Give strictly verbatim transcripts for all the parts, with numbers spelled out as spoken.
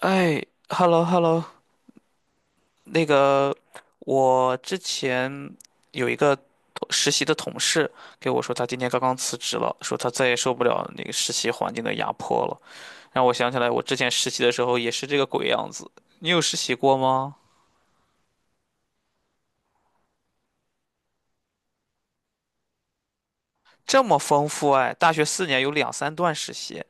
哎，hello hello，那个我之前有一个同实习的同事给我说，他今天刚刚辞职了，说他再也受不了那个实习环境的压迫了，让我想起来我之前实习的时候也是这个鬼样子。你有实习过吗？这么丰富哎，大学四年有两三段实习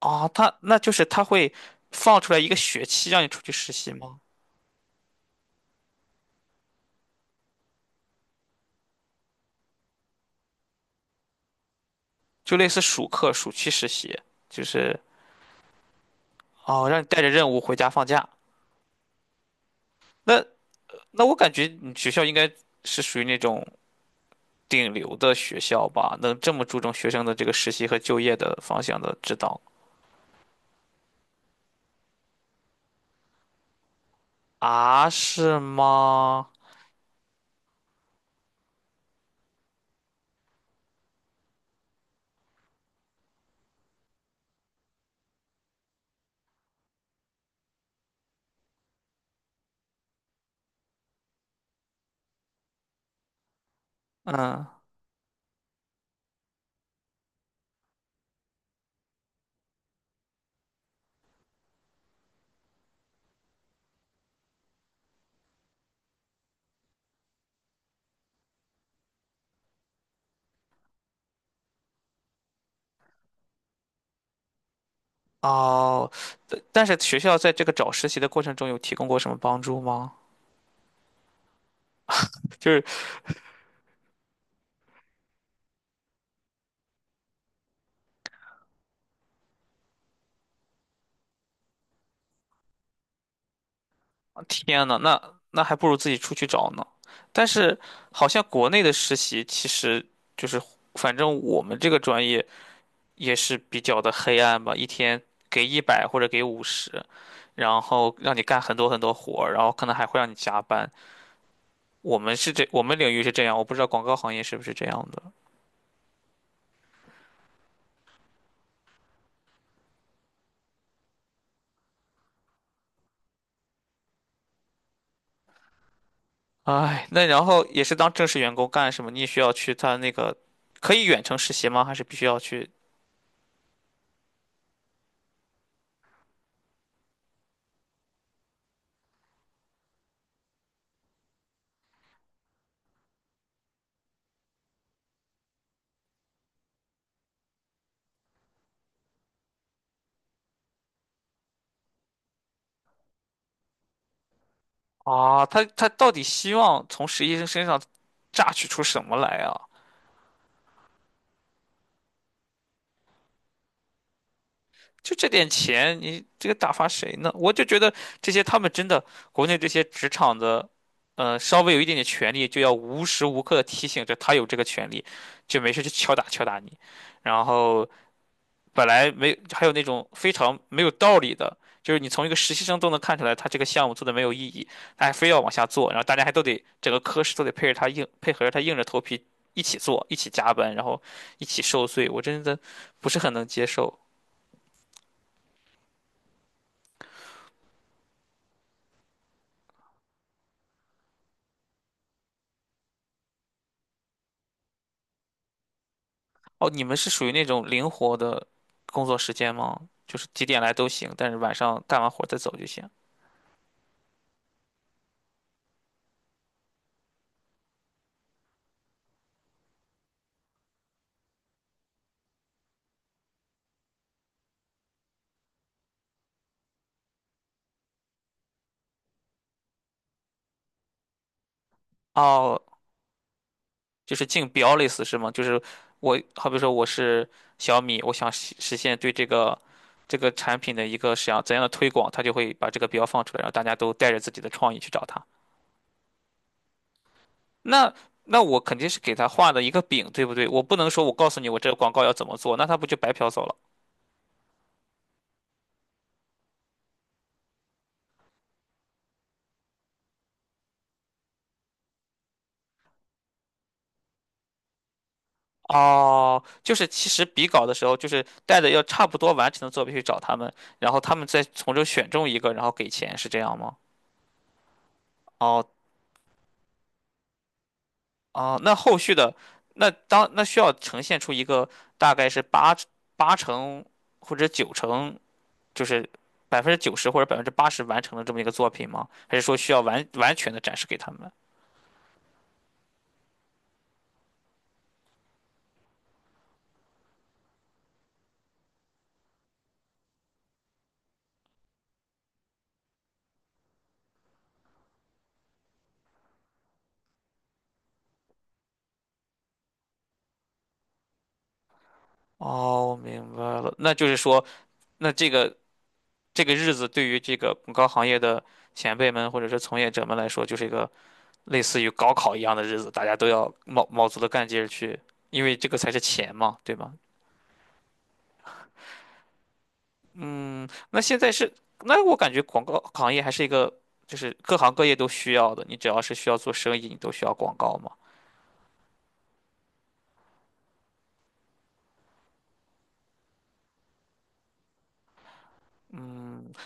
啊，他那就是他会放出来一个学期让你出去实习吗？就类似暑课、暑期实习，就是哦，让你带着任务回家放假。那那我感觉你学校应该是属于那种顶流的学校吧，能这么注重学生的这个实习和就业的方向的指导。啊？是吗？嗯。哦，但但是学校在这个找实习的过程中有提供过什么帮助吗？就是天呐，那那还不如自己出去找呢。但是好像国内的实习其实就是，反正我们这个专业。也是比较的黑暗吧，一天给一百或者给五十，然后让你干很多很多活儿然后可能还会让你加班。我们是这，我们领域是这样，我不知道广告行业是不是这样的。唉，那然后也是当正式员工干什么？你也需要去他那个，可以远程实习吗？还是必须要去？啊，他他到底希望从实习生身上榨取出什么来啊？就这点钱，你这个打发谁呢？我就觉得这些他们真的，国内这些职场的，呃，稍微有一点点权利，就要无时无刻的提醒着他有这个权利，就没事就敲打敲打你。然后本来没，还有那种非常没有道理的，就是你从一个实习生都能看出来他这个项目做的没有意义，他还非要往下做，然后大家还都得整个科室都得配着他硬配合着他硬着头皮一起做，一起加班，然后一起受罪，我真的不是很能接受。哦，你们是属于那种灵活的工作时间吗？就是几点来都行，但是晚上干完活儿再走就行。哦，就是竞标类似是吗？就是我，好比说我是小米，我想实实现对这个这个产品的一个想怎样的推广，他就会把这个标放出来，然后大家都带着自己的创意去找他。那那我肯定是给他画的一个饼，对不对？我不能说我告诉你我这个广告要怎么做，那他不就白嫖走了？哦，就是其实比稿的时候，就是带着要差不多完成的作品去找他们，然后他们再从中选中一个，然后给钱，是这样吗？哦哦，那后续的那当那需要呈现出一个大概是八八成或者九成，就是百分之九十或者百分之八十完成的这么一个作品吗？还是说需要完完全的展示给他们？哦，我明白了，那就是说，那这个这个日子对于这个广告行业的前辈们或者是从业者们来说，就是一个。类似于高考一样的日子，大家都要卯卯足了干劲儿去，因为这个才是钱嘛，对吗？嗯，那现在是，那我感觉广告行业还是一个，就是各行各业都需要的。你只要是需要做生意，你都需要广告嘛。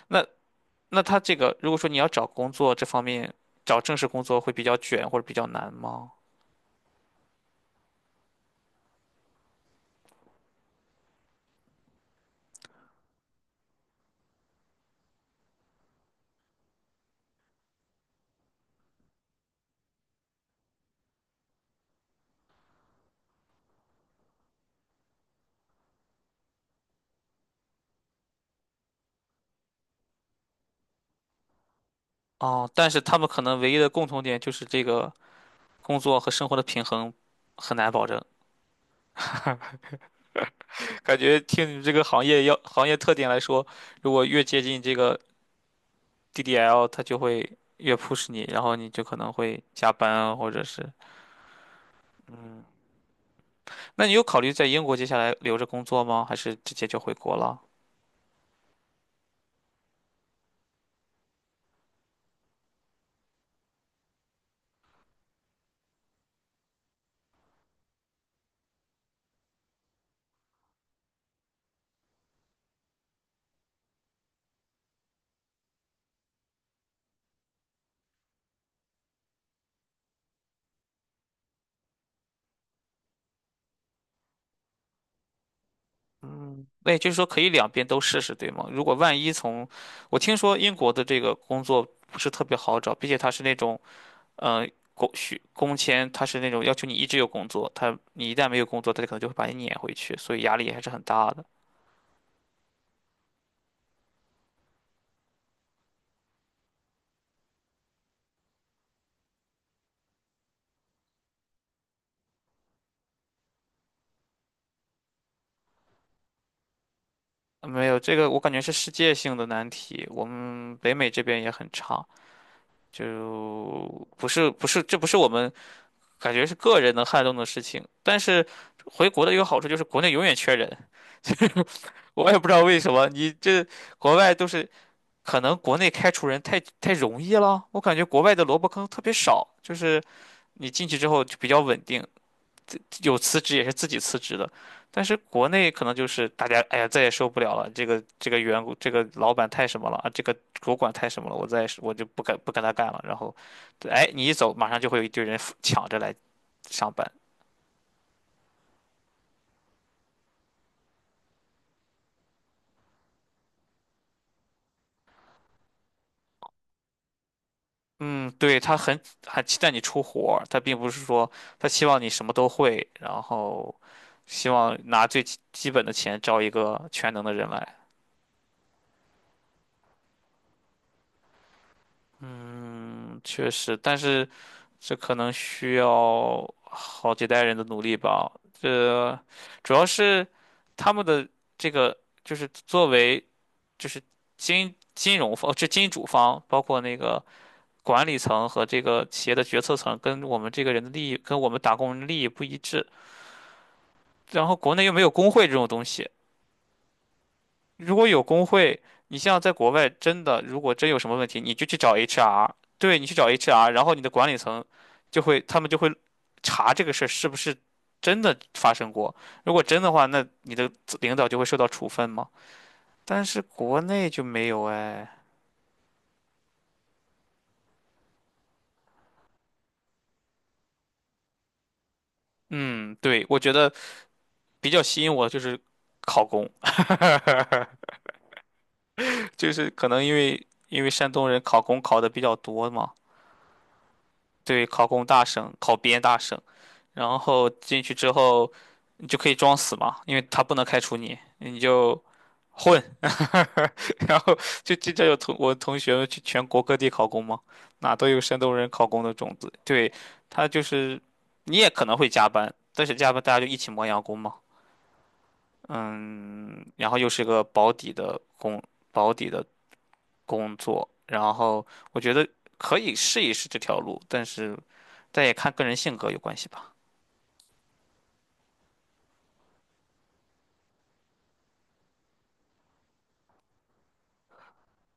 那那他这个，如果说你要找工作这方面，找正式工作会比较卷或者比较难吗？哦，但是他们可能唯一的共同点就是这个工作和生活的平衡很难保证。感觉听你这个行业要行业特点来说，如果越接近这个 D D L 它就会越 push 你，然后你就可能会加班啊或者是嗯，那你有考虑在英国接下来留着工作吗？还是直接就回国了？嗯，那也就是说可以两边都试试，对吗？如果万一从，我听说英国的这个工作不是特别好找，并且它是那种，呃，工许工签，它是那种要求你一直有工作，他你一旦没有工作，它可能就会把你撵回去，所以压力还是很大的。没有，这个我感觉是世界性的难题，我们北美这边也很差。就不是不是，这不是我们感觉是个人能撼动的事情。但是回国的一个好处就是国内永远缺人，就是我也不知道为什么。你这国外都是可能国内开除人太太容易了，我感觉国外的萝卜坑特别少，就是你进去之后就比较稳定。有辞职也是自己辞职的，但是国内可能就是大家，哎呀，再也受不了了，这个这个员工，这个老板太什么了啊，这个主管太什么了，我再我就不跟不跟他干了。然后，哎，你一走，马上就会有一堆人抢着来上班。嗯，对，他很很期待你出活儿他并不是说他希望你什么都会，然后希望拿最基基本的钱招一个全能的人来。嗯确实，但是。这可能需要好几代人的努力吧。这主要是他们的这个，就是作为就是金金融方，哦这金主方，包括那个管理层和这个企业的决策层，跟我们这个人的利益，跟我们打工人的利益不一致。然后国内又没有工会这种东西，如果有工会，你像在国外，真的如果真有什么问题，你就去找 H R，对你去找 H R，然后你的管理层就会，他们就会查这个事儿是不是真的发生过。如果真的话，那你的领导就会受到处分嘛。但是国内就没有哎。嗯，对，我觉得比较吸引我的就是考公，就是可能因为因为山东人考公考的比较多嘛，对，考公大省，考编大省。然后进去之后，你就可以装死嘛，因为他不能开除你，你就混，然后就经常有同我同学们去全国各地考公嘛，哪都有山东人考公的种子。对，他就是你也可能会加班，但是加班大家就一起磨洋工嘛，嗯，然后又是个保底的工，保底的工作，然后我觉得可以试一试这条路，但是但也看个人性格有关系吧。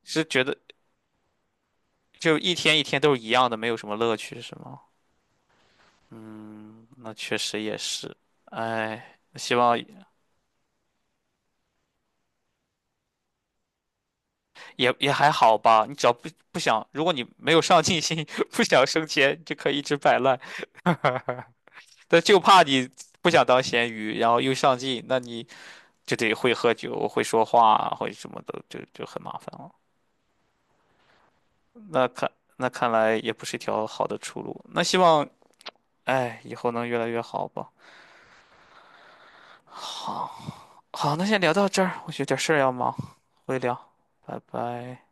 是觉得就一天一天都是一样的，没有什么乐趣，是吗？嗯，那确实也是。哎，希望也也还好吧。你只要不不想，如果你没有上进心，不想升迁，就可以一直摆烂。但就怕你不想当咸鱼，然后又上进，那你就得会喝酒、会说话啊、会什么的，就就很麻烦了。那看那看来也不是一条好的出路。那希望，哎，以后能越来越好吧。好。好，那先聊到这儿，我有点事儿要忙，回聊，拜拜。